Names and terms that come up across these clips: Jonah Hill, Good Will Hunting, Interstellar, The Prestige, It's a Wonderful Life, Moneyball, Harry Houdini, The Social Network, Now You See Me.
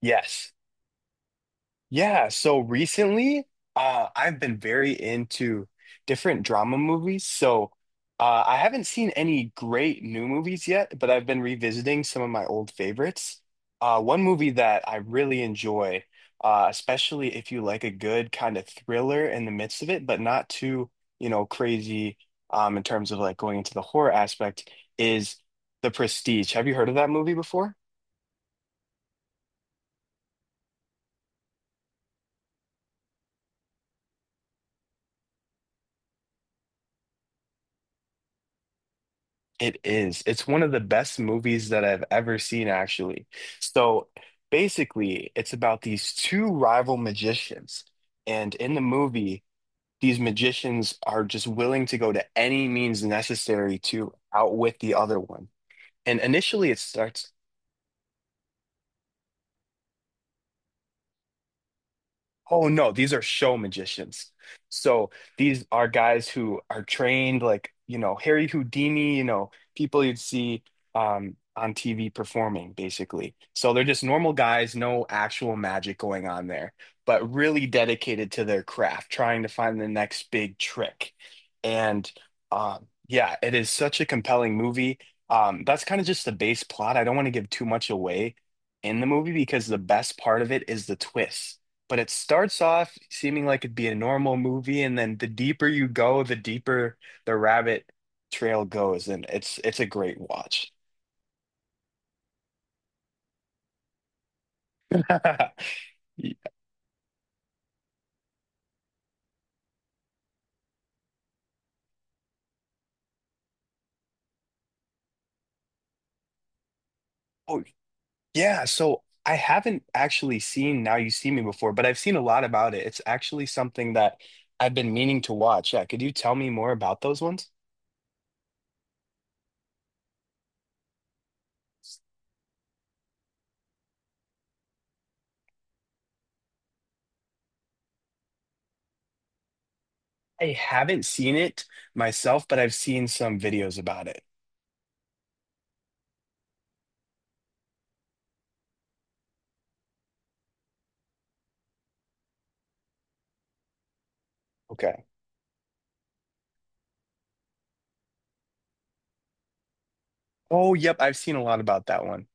Yes. Yeah. So recently, I've been very into different drama movies. So I haven't seen any great new movies yet, but I've been revisiting some of my old favorites. One movie that I really enjoy, especially if you like a good kind of thriller in the midst of it, but not too, crazy in terms of like going into the horror aspect, is The Prestige. Have you heard of that movie before? It is. It's one of the best movies that I've ever seen, actually. So basically, it's about these two rival magicians. And in the movie, these magicians are just willing to go to any means necessary to outwit the other one. And initially, it starts. Oh no, these are show magicians. So these are guys who are trained like, you know, Harry Houdini, you know, people you'd see on TV performing basically. So they're just normal guys, no actual magic going on there, but really dedicated to their craft, trying to find the next big trick. And yeah, it is such a compelling movie. That's kind of just the base plot. I don't want to give too much away in the movie because the best part of it is the twist, but it starts off seeming like it'd be a normal movie, and then the deeper you go, the deeper the rabbit trail goes, and it's a great watch. Oh yeah, so I haven't actually seen Now You See Me before, but I've seen a lot about it. It's actually something that I've been meaning to watch. Yeah, could you tell me more about those ones? I haven't seen it myself, but I've seen some videos about it. Okay. Oh, yep, I've seen a lot about that one.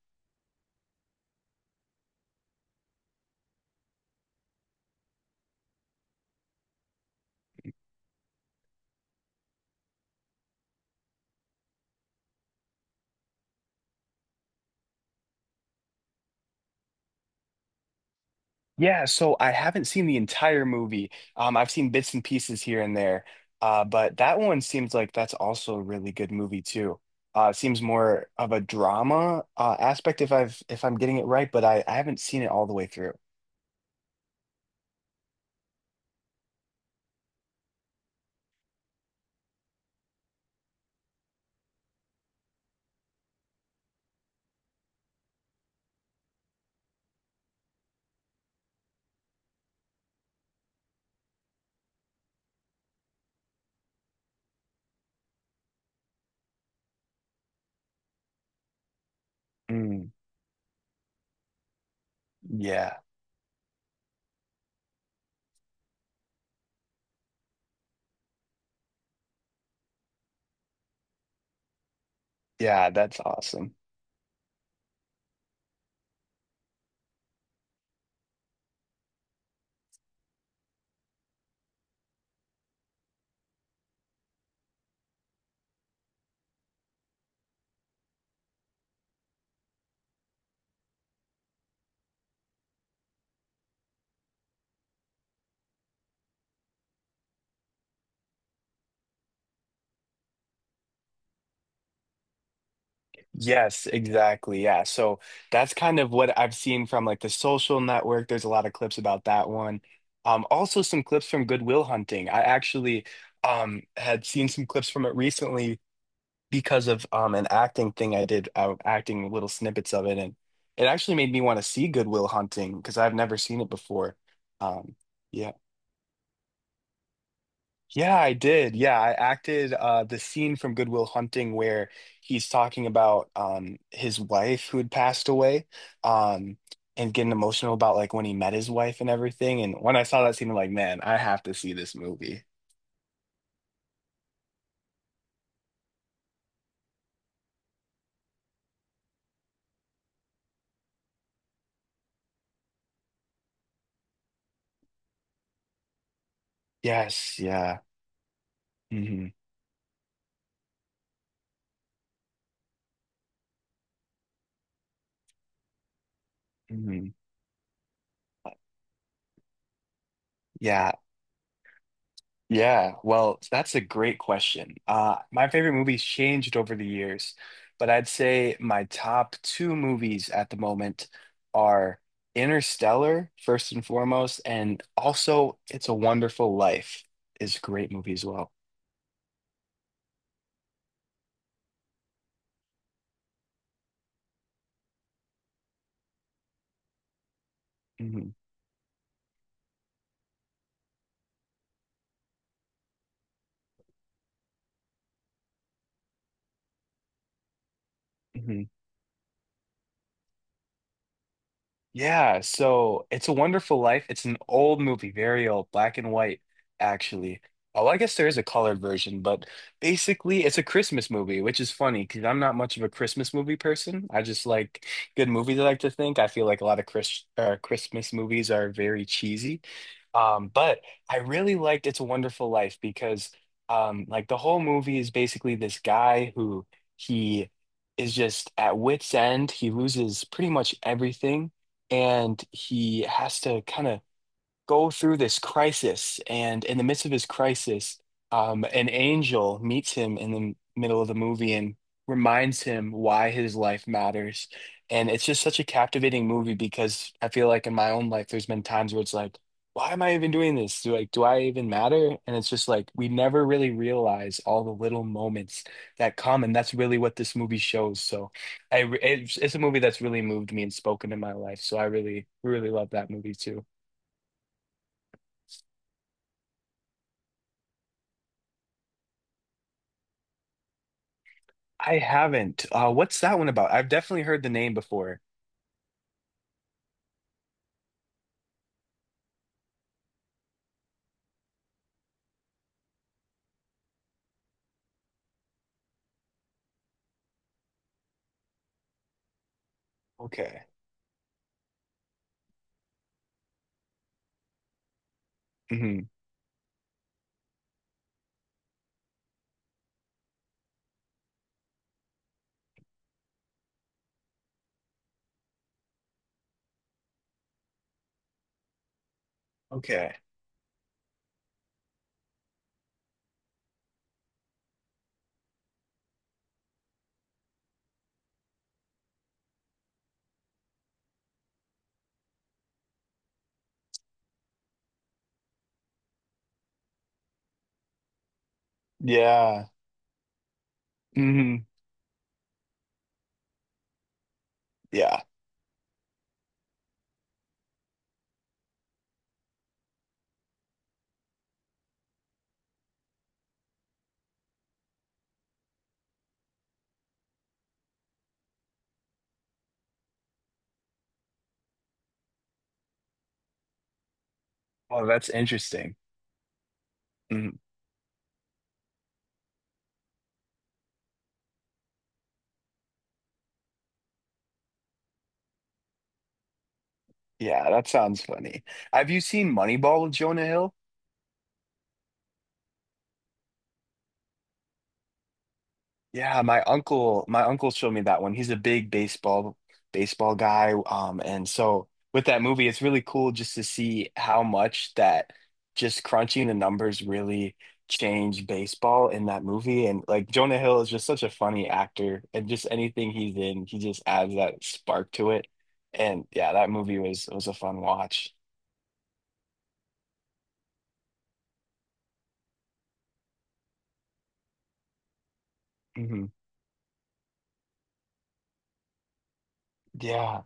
Yeah, so I haven't seen the entire movie. I've seen bits and pieces here and there. But that one seems like that's also a really good movie too. It seems more of a drama aspect if I've if I'm getting it right, but I haven't seen it all the way through. Mm, yeah, yeah, that's awesome. Yes, exactly. Yeah. So that's kind of what I've seen from like the social network. There's a lot of clips about that one. Also some clips from Goodwill Hunting. I actually had seen some clips from it recently because of an acting thing I did. I was acting little snippets of it, and it actually made me want to see Goodwill Hunting because I've never seen it before. Um yeah. Yeah, I did. Yeah, I acted the scene from Goodwill Hunting where he's talking about his wife who had passed away, um, and getting emotional about like when he met his wife and everything. And when I saw that scene, I'm like, man, I have to see this movie. Yes, yeah. Hmm. Hmm. Yeah, Yeah, well, that's a great question. My favorite movies changed over the years, but I'd say my top two movies at the moment are Interstellar, first and foremost, and also It's a Wonderful Life is a great movie as well. Hmm. Yeah, so It's a Wonderful Life. It's an old movie, very old, black and white, actually. Oh, I guess there is a colored version, but basically it's a Christmas movie, which is funny because I'm not much of a Christmas movie person. I just like good movies, I like to think. I feel like a lot of Christmas movies are very cheesy. But I really liked It's a Wonderful Life because like the whole movie is basically this guy who he is just at wit's end. He loses pretty much everything, and he has to kind of go through this crisis, and in the midst of his crisis, an angel meets him in the middle of the movie and reminds him why his life matters. And it's just such a captivating movie because I feel like in my own life, there's been times where it's like, why am I even doing this? Do like, do I even matter? And it's just like we never really realize all the little moments that come, and that's really what this movie shows. So, it's a movie that's really moved me and spoken in my life. So I really, really love that movie too. I haven't. What's that one about? I've definitely heard the name before. Okay. Hmm. Okay. Yeah. Hmm. Yeah. Oh, that's interesting. Hmm. Yeah, that sounds funny. Have you seen Moneyball with Jonah Hill? Yeah, my uncle showed me that one. He's a big baseball guy. And so with that movie, it's really cool just to see how much that just crunching the numbers really changed baseball in that movie. And like Jonah Hill is just such a funny actor, and just anything he's in, he just adds that spark to it. And yeah, that movie was a fun watch. Hmm. Yeah.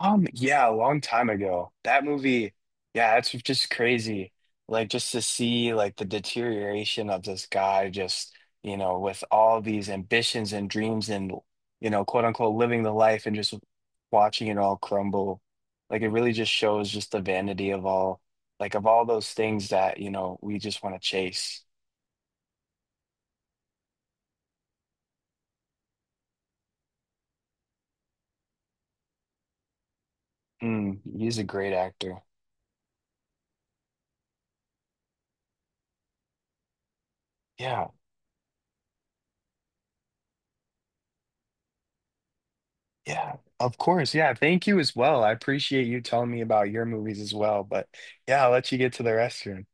Yeah, a long time ago. That movie, yeah, it's just crazy. Like just to see like the deterioration of this guy just, you know, with all these ambitions and dreams and, you know, quote unquote living the life and just watching it all crumble. Like it really just shows just the vanity of all of all those things that, you know, we just want to chase. Mm, he's a great actor. Yeah. Yeah, of course. Yeah, thank you as well. I appreciate you telling me about your movies as well. But yeah, I'll let you get to the restroom.